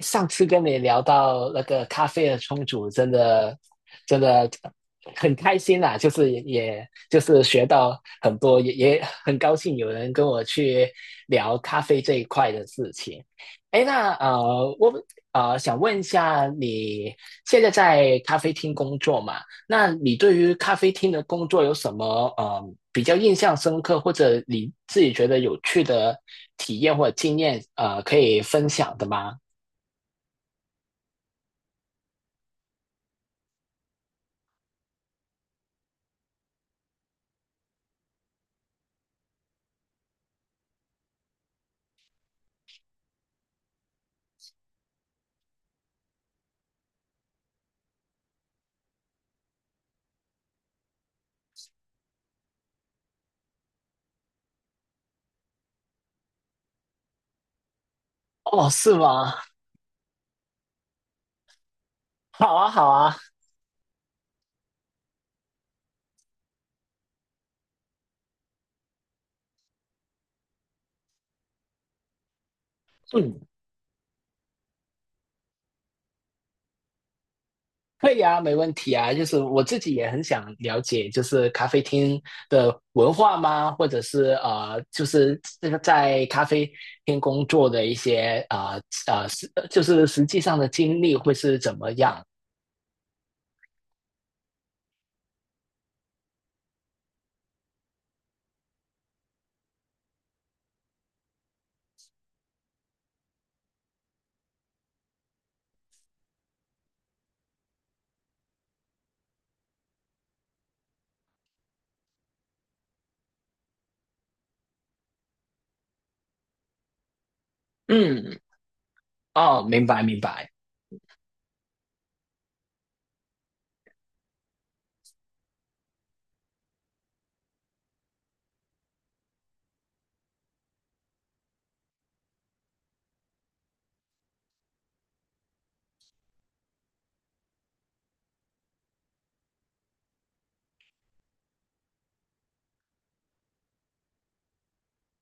上次跟你聊到那个咖啡的冲煮，真的真的很开心啦，就是也就是学到很多，也很高兴有人跟我去聊咖啡这一块的事情。哎，那我想问一下，你现在在咖啡厅工作嘛？那你对于咖啡厅的工作有什么呃比较印象深刻，或者你自己觉得有趣的体验或者经验，可以分享的吗？哦，是吗？好啊，好啊，嗯，可以啊，没问题啊。就是我自己也很想了解，就是咖啡厅的文化吗？或者是就是这个在咖啡厅工作的一些就是实际上的经历会是怎么样？嗯，哦，明白明白。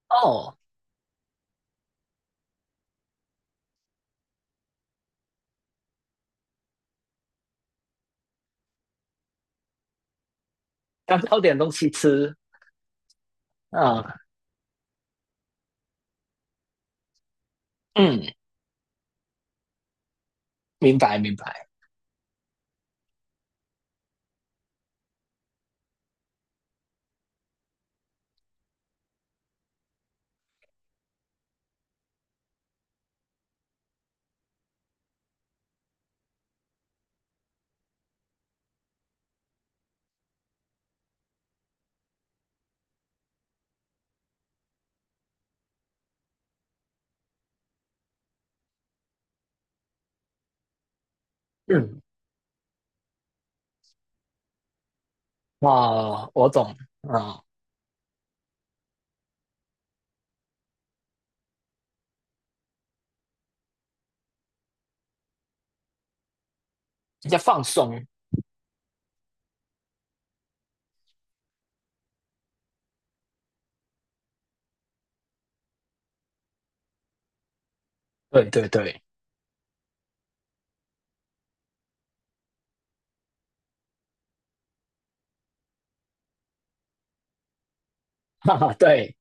哦，要找点东西吃。嗯嗯，明白明白。嗯，哦，我懂。嗯，要放松。对对对，哈哈，对。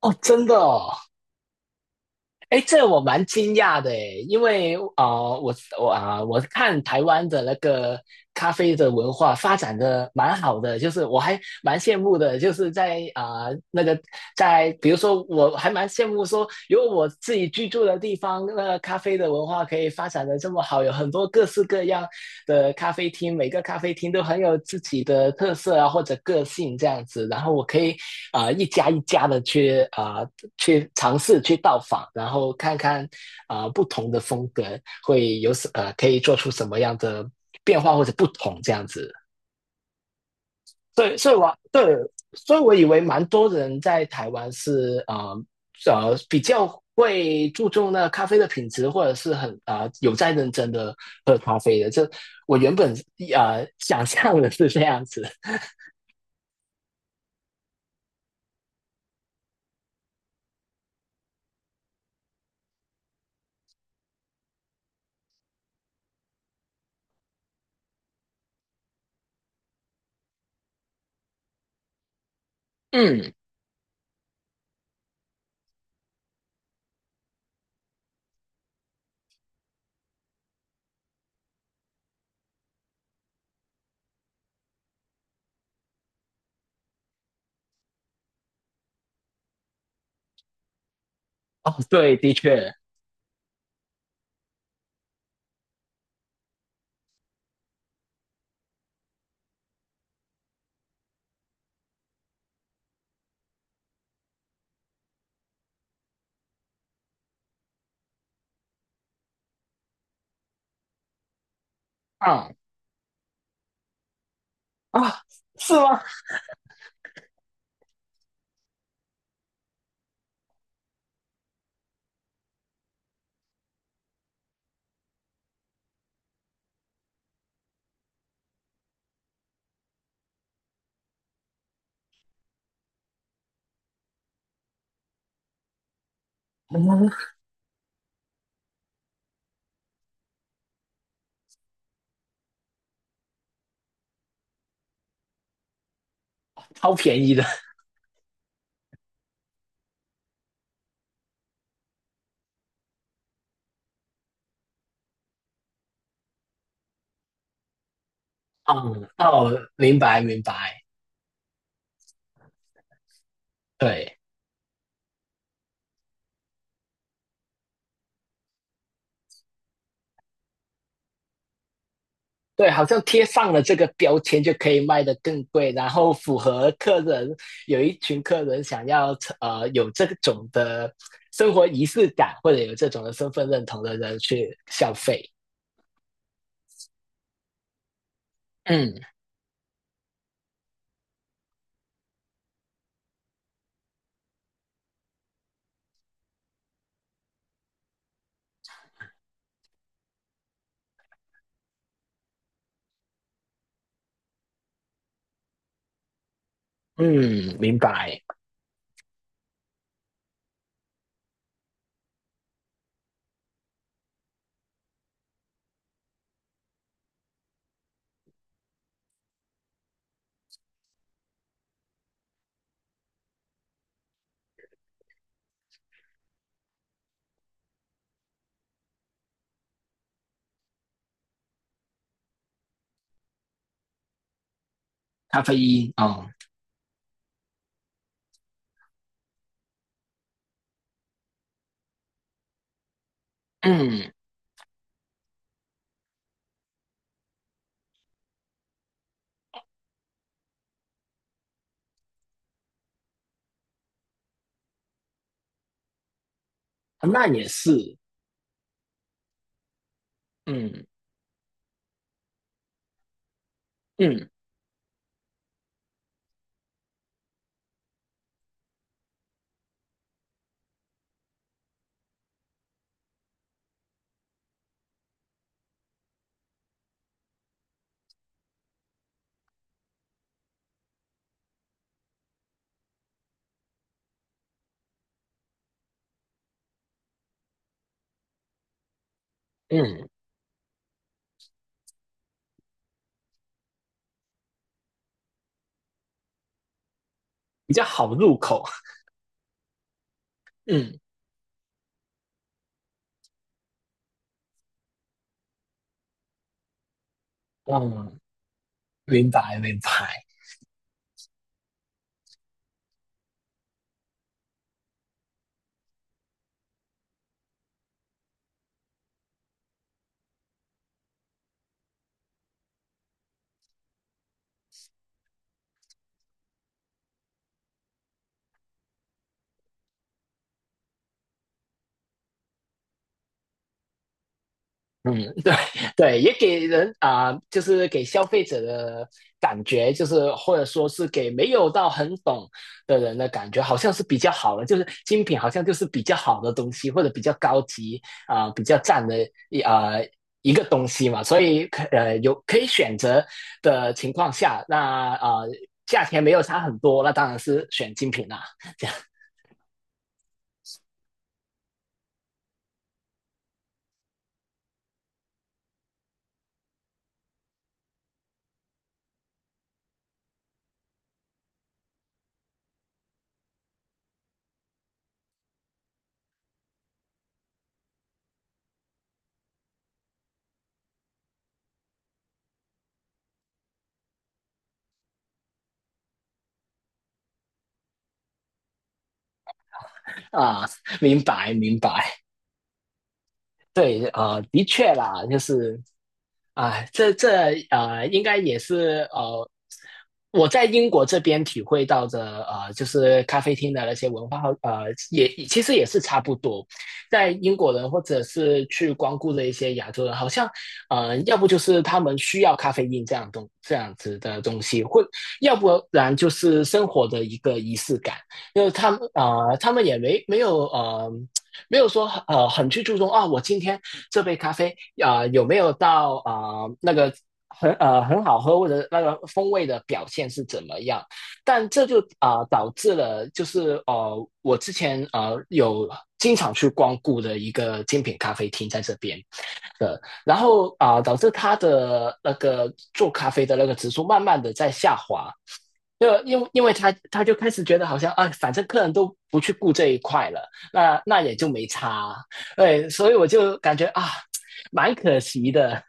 哦，真的哦，哎，这我蛮惊讶的诶，因为我我看台湾的那个咖啡的文化发展的蛮好的，就是我还蛮羡慕的，就是在在，比如说我还蛮羡慕说，有我自己居住的地方，那个咖啡的文化可以发展的这么好，有很多各式各样的咖啡厅，每个咖啡厅都很有自己的特色啊，或者个性这样子。然后我可以一家一家的去去尝试去到访，然后看看不同的风格会有可以做出什么样的变化或者不同这样子。对，所以我以为蛮多人在台湾是比较会注重那咖啡的品质，或者是很有在认真的喝咖啡的。这我原本想象的是这样子。嗯，哦，对，的确，嗯啊，是吗？嗯，超便宜的。嗯，哦，明白明白，对。对，好像贴上了这个标签就可以卖得更贵，然后符合客人，有一群客人想要有这种的生活仪式感，或者有这种的身份认同的人去消费。嗯嗯，明白。咖啡因哦，嗯，那也是，嗯嗯嗯，比较好入口。嗯，嗯，明白明白。嗯，对，也给人就是给消费者的感觉，就是或者说是给没有到很懂的人的感觉，好像是比较好的，就是精品好像就是比较好的东西，或者比较高级啊、比较赞的一啊、一个东西嘛。所以有可以选择的情况下，那价钱没有差很多，那当然是选精品啦。啊、明白明白，对，的确啦，就是啊，这应该也是我在英国这边体会到的就是咖啡厅的那些文化也其实也是差不多。在英国人或者是去光顾的一些亚洲人，好像要不就是他们需要咖啡因这样这样子的东西，或要不然就是生活的一个仪式感，因为他们他们也没有。没有说很去注重啊，我今天这杯咖啡有没有到那个很好喝或者那个风味的表现是怎么样？但这就导致了就是我之前有经常去光顾的一个精品咖啡厅在这边的，然后导致它的那个做咖啡的那个指数慢慢的在下滑，就因为他就开始觉得好像啊，反正客人都不去顾这一块了，那也就没差，对，所以我就感觉啊，蛮可惜的，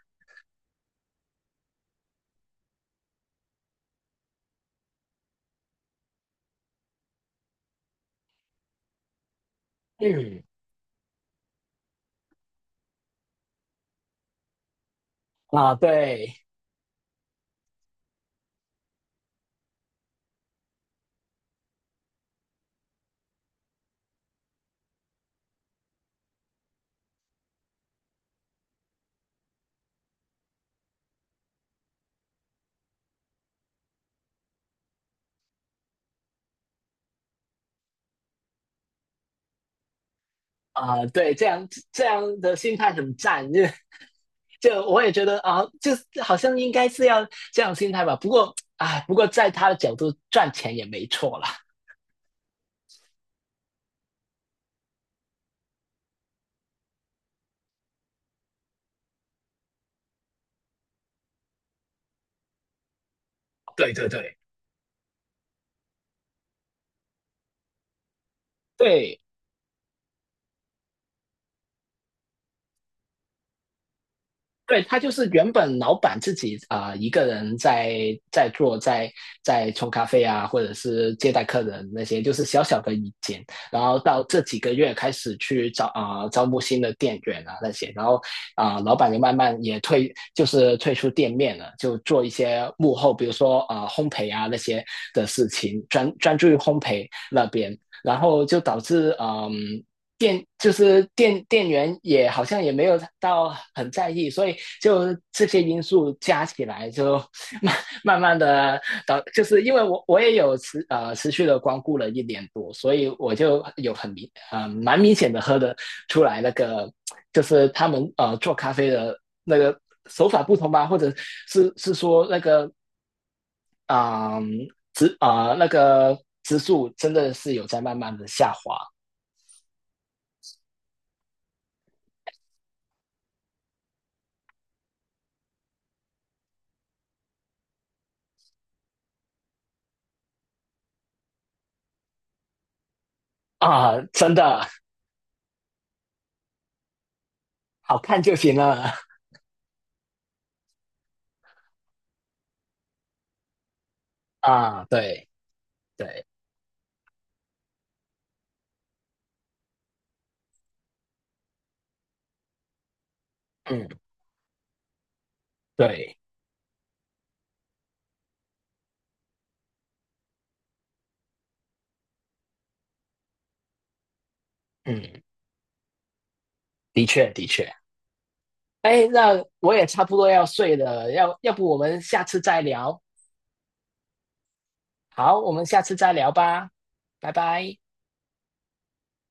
嗯，啊，对，啊，对，这样的心态很赞，就我也觉得啊，就是好像应该是要这样心态吧，不过在他的角度赚钱也没错啦，对对对对。对他就是原本老板自己一个人在做，在冲咖啡啊，或者是接待客人那些，就是小小的一间。然后到这几个月开始去招募新的店员啊那些，然后老板就慢慢也退，就是退出店面了，就做一些幕后，比如说烘焙啊那些的事情，专注于烘焙那边。然后就导致嗯店就是店员也好像也没有到很在意，所以就这些因素加起来就 慢慢慢的就是因为我也有持续的光顾了一年多，所以我就有蛮明显的喝的出来那个就是他们做咖啡的那个手法不同吧，或者是说那个啊植啊那个植数真的是有在慢慢的下滑。啊，真的，好看就行了啊。对对，嗯对嗯，的确的确。哎，那我也差不多要睡了，要不我们下次再聊？好，我们下次再聊吧，拜拜。